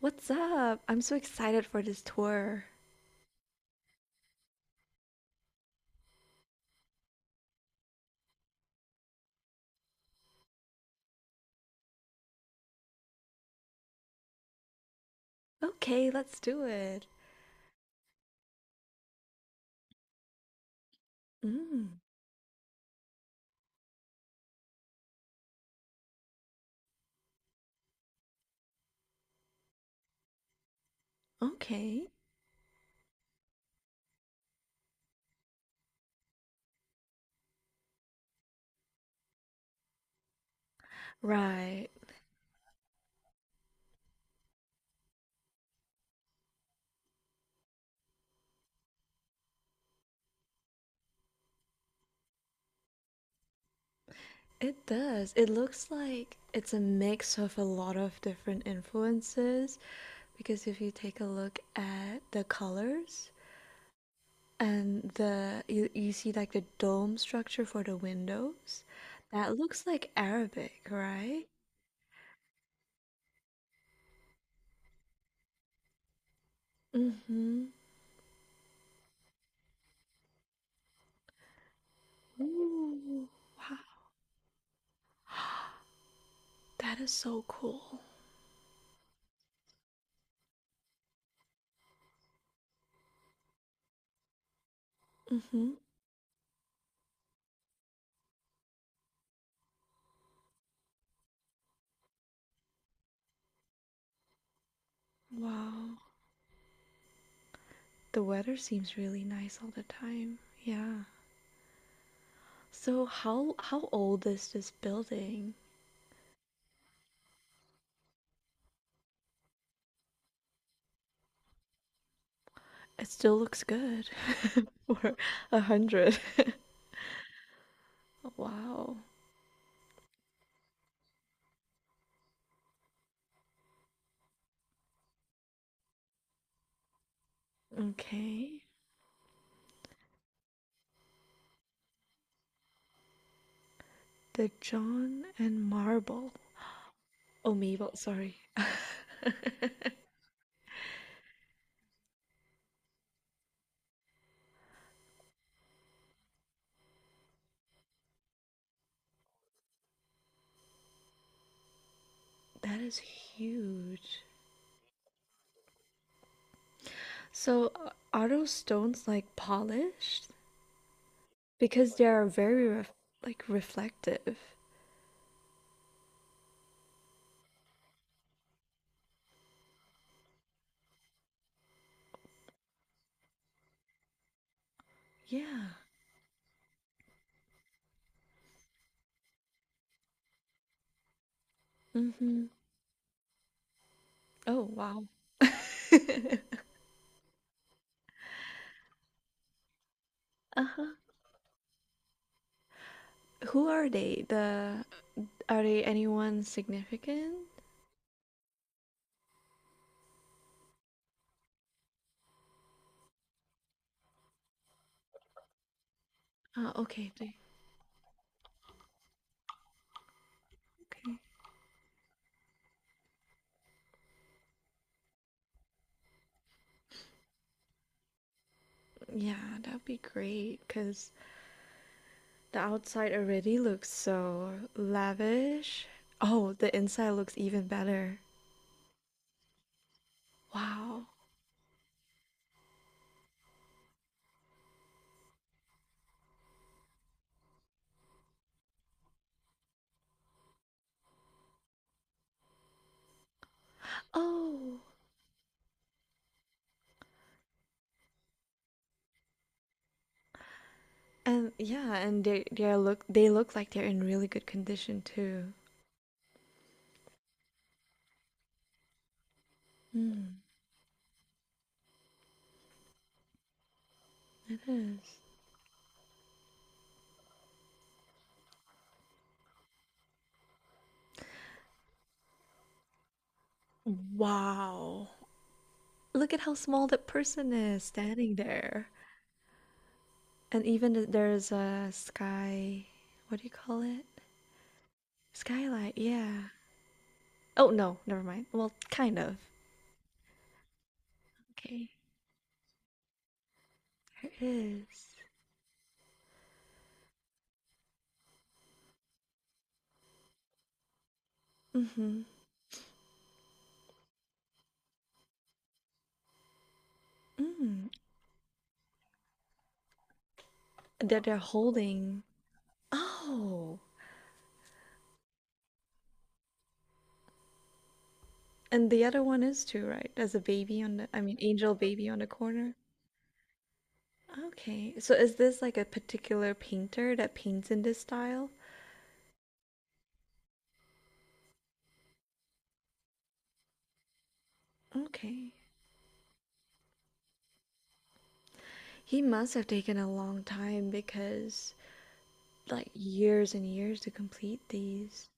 What's up? I'm so excited for this tour. Okay, let's do it. Mm, okay. Right. It does. It looks like it's a mix of a lot of different influences because if you take a look at the colors and the you see like the dome structure for the windows, that looks like Arabic, right? Mm-hmm. Ooh, wow. That is so cool. Mm-hmm. Wow. The weather seems really nice all the time. Yeah. So how old is this building? It still looks good for a hundred. Wow. Okay. The John and Marble. Oh, Mabel. Sorry. That is huge. So are those stones like polished? Because they are like reflective. Yeah. Mm-hmm. Oh, wow. Uh-huh. Who are they? The Are they anyone significant? Uh, okay, they, okay. Yeah, that'd be great because the outside already looks so lavish. Oh, the inside looks even better. Wow. Oh, and yeah, and they look they look like they're in really good condition too. Mm, it is. Wow. Look at how small that person is standing there. And even there's a sky. What do you call it? Skylight, yeah. Oh no, never mind. Well, kind of. Okay. There is. Mm-hmm. Mm. That they're holding. Oh, and the other one is too, right? As a baby on the, I mean, angel baby on the corner. Okay. So is this like a particular painter that paints in this style? Okay. He must have taken a long time because, like, years and years to complete these.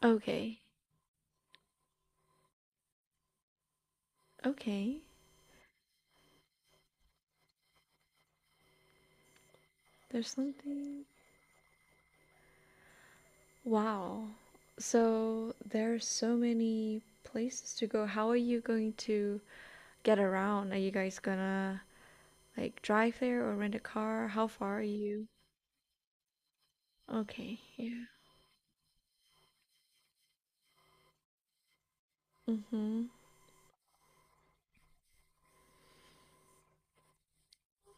Okay. Okay. There's something. Wow. So there are so many places to go. How are you going to get around? Are you guys gonna like drive there or rent a car? How far are you? Okay. Yeah. Mm-hmm.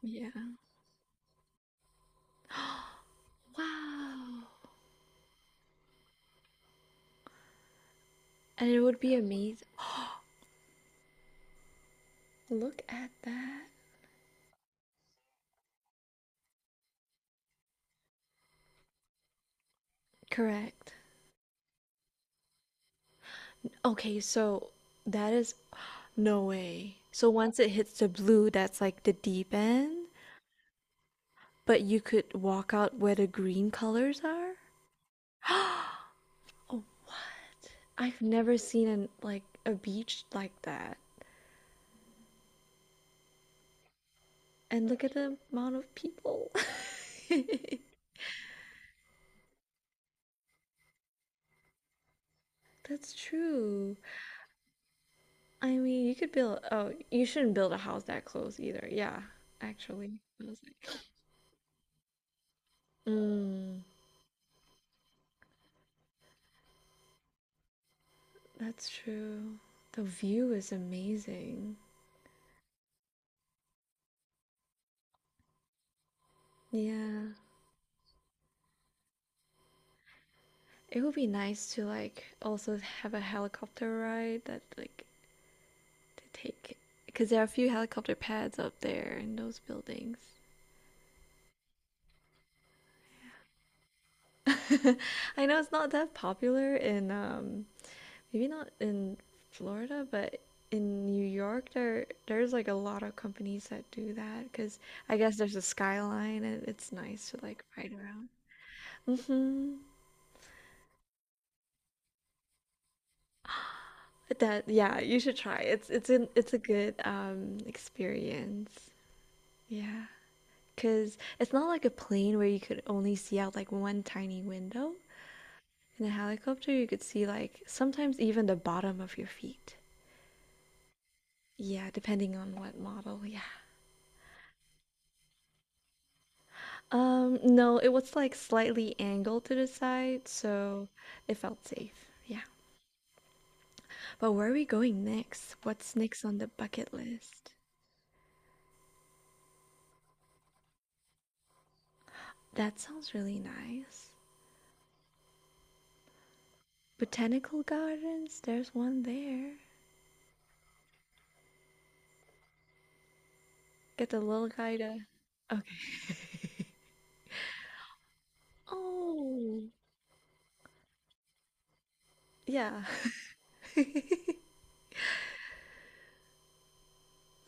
Yeah. Wow. And it would be amazing. Look at that. Correct. Okay, so that is no way. So once it hits the blue, that's like the deep end? But you could walk out where the green colors are? Oh, I've never seen an like a beach like that. And look at the amount of people. That's true. I mean, you could build oh, you shouldn't build a house that close either. Yeah, actually. Like, mm, that's true. The view is amazing. Yeah. It would be nice to like also have a helicopter ride that like to take because there are a few helicopter pads up there in those buildings. I know it's not that popular in maybe not in Florida, but in New York there's like a lot of companies that do that because I guess there's a skyline and it's nice to like ride around. Mm-hmm. That yeah, you should try. It's a good experience. Yeah, because it's not like a plane where you could only see out like one tiny window. In a helicopter, you could see like sometimes even the bottom of your feet. Yeah, depending on what model. Yeah. No, it was like slightly angled to the side, so it felt safe. Yeah. But where are we going next? What's next on the bucket list? That sounds really nice. Botanical gardens, there's one there. Get the little guy to. Okay. Oh, yeah. A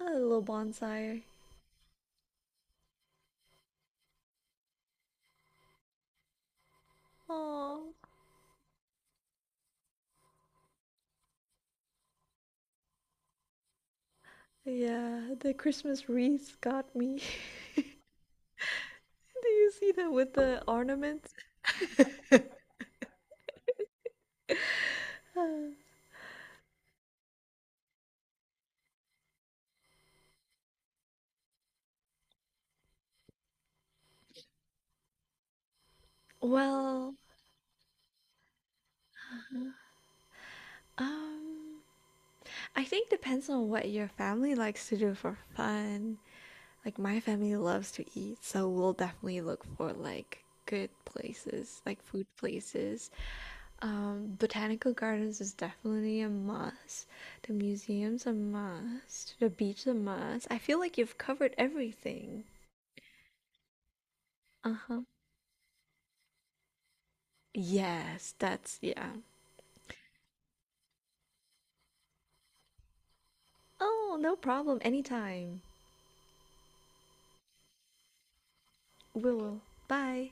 little bonsai. Oh. Yeah, the Christmas wreaths got me. Do you see that with the ornaments? Uh, Well, um, I think depends on what your family likes to do for fun. Like my family loves to eat, so we'll definitely look for like good places, like food places. Botanical gardens is definitely a must. The museum's a must. The beach is a must. I feel like you've covered everything. Uh-huh. Yes, that's yeah. Oh, no problem. Anytime. We will. Bye.